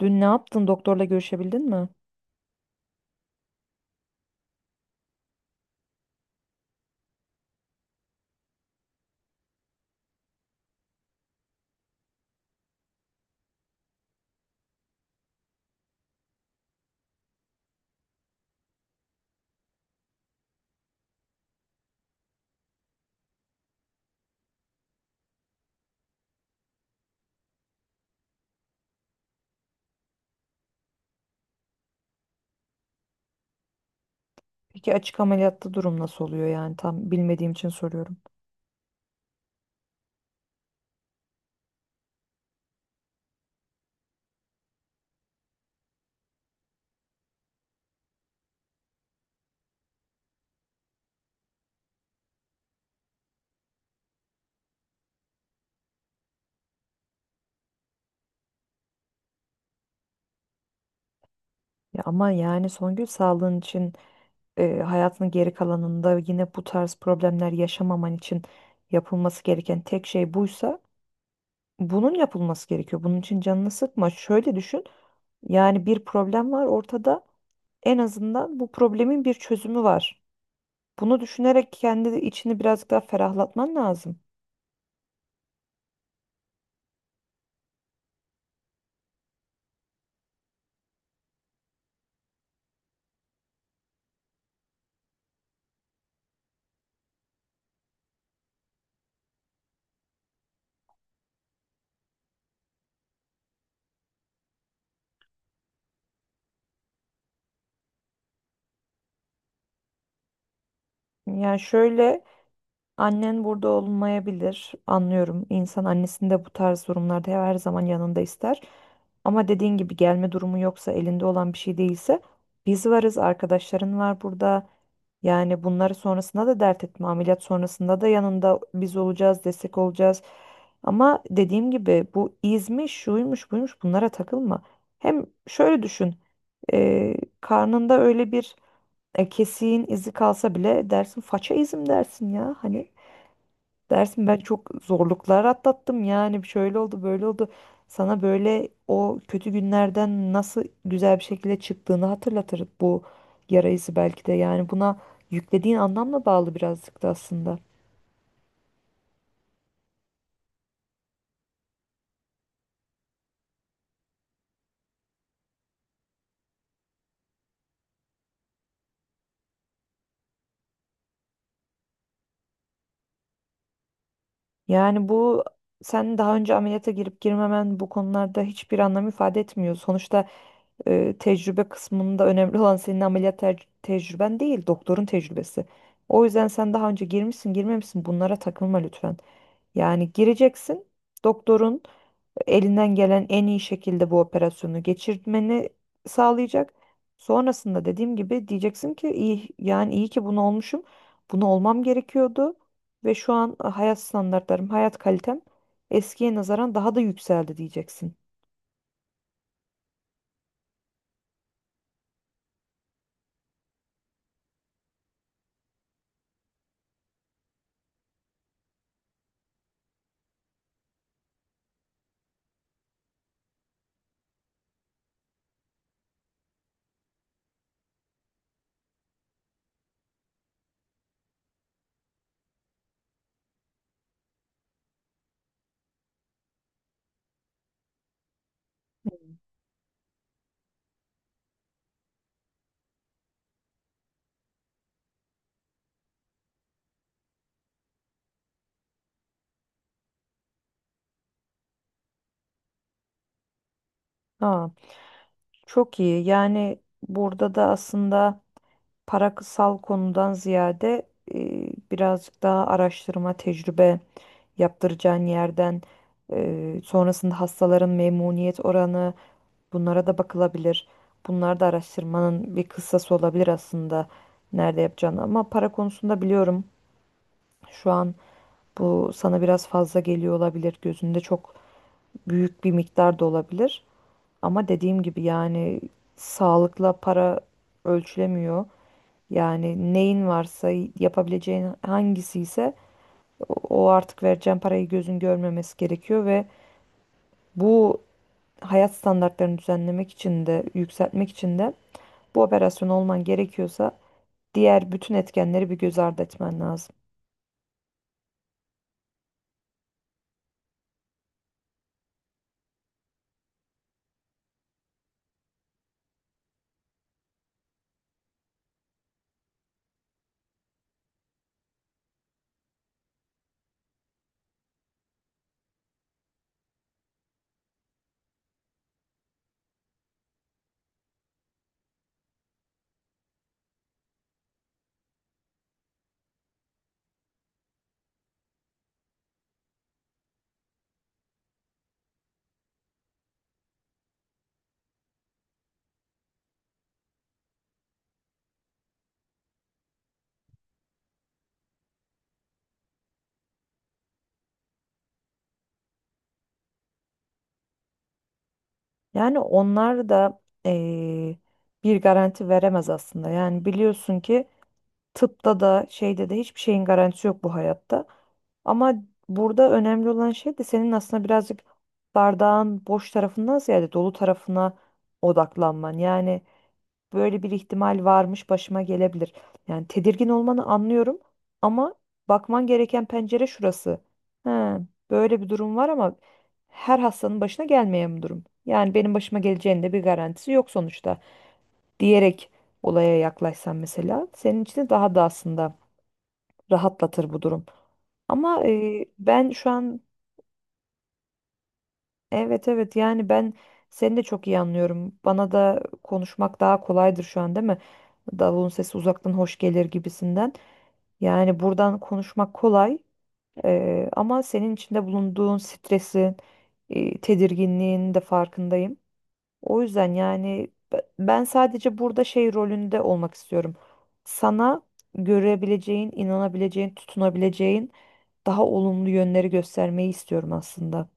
Dün ne yaptın? Doktorla görüşebildin mi? Peki açık ameliyatta durum nasıl oluyor yani? Tam bilmediğim için soruyorum. Ya ama yani Songül sağlığın için hayatının geri kalanında yine bu tarz problemler yaşamaman için yapılması gereken tek şey buysa bunun yapılması gerekiyor. Bunun için canını sıkma. Şöyle düşün. Yani bir problem var ortada. En azından bu problemin bir çözümü var. Bunu düşünerek kendi içini birazcık daha ferahlatman lazım. Yani şöyle. Annen burada olmayabilir, anlıyorum. İnsan annesini de bu tarz durumlarda her zaman yanında ister. Ama dediğin gibi gelme durumu yoksa, elinde olan bir şey değilse biz varız, arkadaşların var burada. Yani bunları sonrasında da dert etme, ameliyat sonrasında da yanında biz olacağız, destek olacağız. Ama dediğim gibi bu izmiş, şuymuş, buymuş bunlara takılma. Hem şöyle düşün, e, karnında öyle bir kesiğin izi kalsa bile dersin faça izim dersin ya hani. Dersin ben çok zorluklar atlattım yani şöyle oldu böyle oldu. Sana böyle o kötü günlerden nasıl güzel bir şekilde çıktığını hatırlatır bu yara izi belki de. Yani buna yüklediğin anlamla bağlı birazcık da aslında. Yani bu, sen daha önce ameliyata girip girmemen bu konularda hiçbir anlam ifade etmiyor. Sonuçta tecrübe kısmında önemli olan senin ameliyat tecrüben değil, doktorun tecrübesi. O yüzden sen daha önce girmişsin, girmemişsin bunlara takılma lütfen. Yani gireceksin, doktorun elinden gelen en iyi şekilde bu operasyonu geçirmeni sağlayacak. Sonrasında dediğim gibi diyeceksin ki iyi yani iyi ki bunu olmuşum. Bunu olmam gerekiyordu ve şu an hayat standartlarım, hayat kalitem eskiye nazaran daha da yükseldi diyeceksin. Hmm. Ha. Çok iyi. Yani burada da aslında parasal konudan ziyade birazcık daha araştırma, tecrübe yaptıracağın yerden sonrasında hastaların memnuniyet oranı, bunlara da bakılabilir. Bunlar da araştırmanın bir kıssası olabilir aslında nerede yapacağını. Ama para konusunda biliyorum, şu an bu sana biraz fazla geliyor olabilir. Gözünde çok büyük bir miktar da olabilir. Ama dediğim gibi yani sağlıkla para ölçülemiyor. Yani neyin varsa, yapabileceğin hangisi ise o, artık vereceğin parayı gözün görmemesi gerekiyor ve bu hayat standartlarını düzenlemek için de yükseltmek için de bu operasyon olman gerekiyorsa diğer bütün etkenleri bir göz ardı etmen lazım. Yani onlar da bir garanti veremez aslında. Yani biliyorsun ki tıpta da şeyde de hiçbir şeyin garantisi yok bu hayatta. Ama burada önemli olan şey de senin aslında birazcık bardağın boş tarafından ziyade dolu tarafına odaklanman. Yani böyle bir ihtimal varmış, başıma gelebilir. Yani tedirgin olmanı anlıyorum ama bakman gereken pencere şurası. Ha, böyle bir durum var ama her hastanın başına gelmeyen bir durum. Yani benim başıma geleceğinin de bir garantisi yok sonuçta diyerek olaya yaklaşsan mesela senin için de daha da aslında rahatlatır bu durum. Ama ben şu an evet evet yani ben seni de çok iyi anlıyorum. Bana da konuşmak daha kolaydır şu an değil mi? Davulun sesi uzaktan hoş gelir gibisinden. Yani buradan konuşmak kolay ama senin içinde bulunduğun stresin, tedirginliğin de farkındayım. O yüzden yani ben sadece burada şey rolünde olmak istiyorum. Sana görebileceğin, inanabileceğin, tutunabileceğin daha olumlu yönleri göstermeyi istiyorum aslında.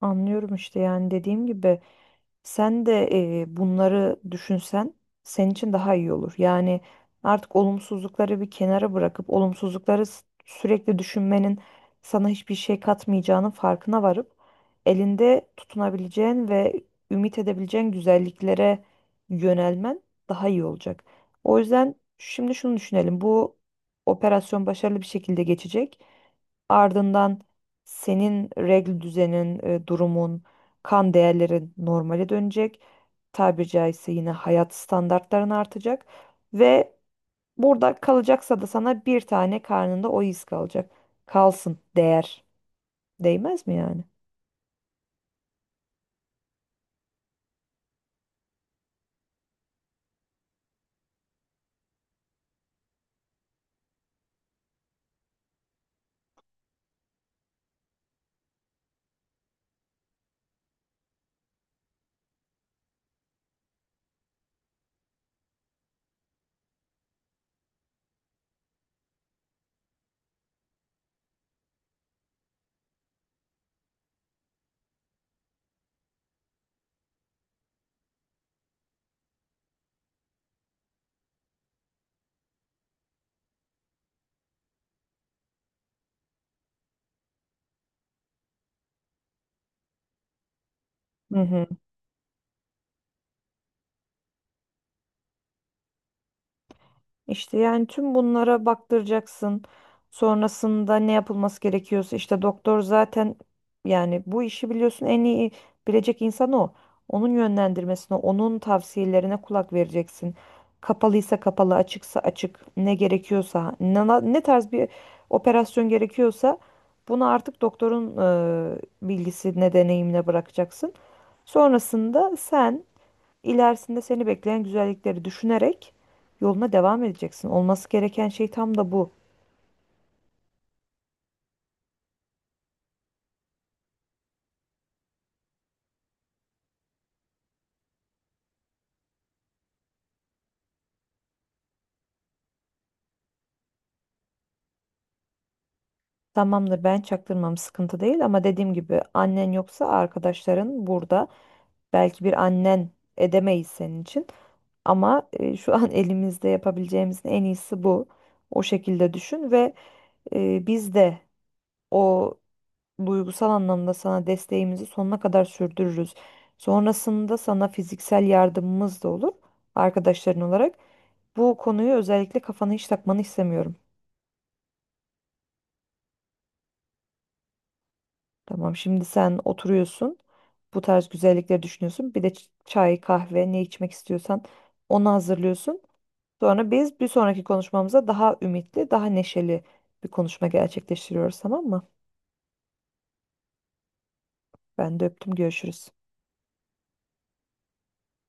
Anlıyorum işte yani dediğim gibi. Sen de bunları düşünsen senin için daha iyi olur. Yani artık olumsuzlukları bir kenara bırakıp olumsuzlukları sürekli düşünmenin sana hiçbir şey katmayacağının farkına varıp elinde tutunabileceğin ve ümit edebileceğin güzelliklere yönelmen daha iyi olacak. O yüzden şimdi şunu düşünelim. Bu operasyon başarılı bir şekilde geçecek. Ardından senin regl düzenin, durumun, kan değerlerin normale dönecek. Tabiri caizse yine hayat standartların artacak ve burada kalacaksa da sana bir tane karnında o iz kalacak. Kalsın değer. Değmez mi yani? Hı hı. İşte yani tüm bunlara baktıracaksın. Sonrasında ne yapılması gerekiyorsa işte doktor zaten, yani bu işi biliyorsun, en iyi bilecek insan o. Onun yönlendirmesine, onun tavsiyelerine kulak vereceksin. Kapalıysa kapalı, açıksa açık, ne gerekiyorsa, ne, ne tarz bir operasyon gerekiyorsa bunu artık doktorun bilgisine, deneyimine bırakacaksın. Sonrasında sen İlerisinde seni bekleyen güzellikleri düşünerek yoluna devam edeceksin. Olması gereken şey tam da bu. Tamamdır, ben çaktırmam, sıkıntı değil ama dediğim gibi annen yoksa arkadaşların burada. Belki bir annen edemeyiz senin için ama şu an elimizde yapabileceğimizin en iyisi bu. O şekilde düşün ve biz de o duygusal anlamda sana desteğimizi sonuna kadar sürdürürüz. Sonrasında sana fiziksel yardımımız da olur arkadaşların olarak. Bu konuyu özellikle kafana hiç takmanı istemiyorum. Tamam, şimdi sen oturuyorsun. Bu tarz güzellikleri düşünüyorsun. Bir de çay, kahve ne içmek istiyorsan onu hazırlıyorsun. Sonra biz bir sonraki konuşmamıza daha ümitli, daha neşeli bir konuşma gerçekleştiriyoruz, tamam mı? Ben de öptüm, görüşürüz.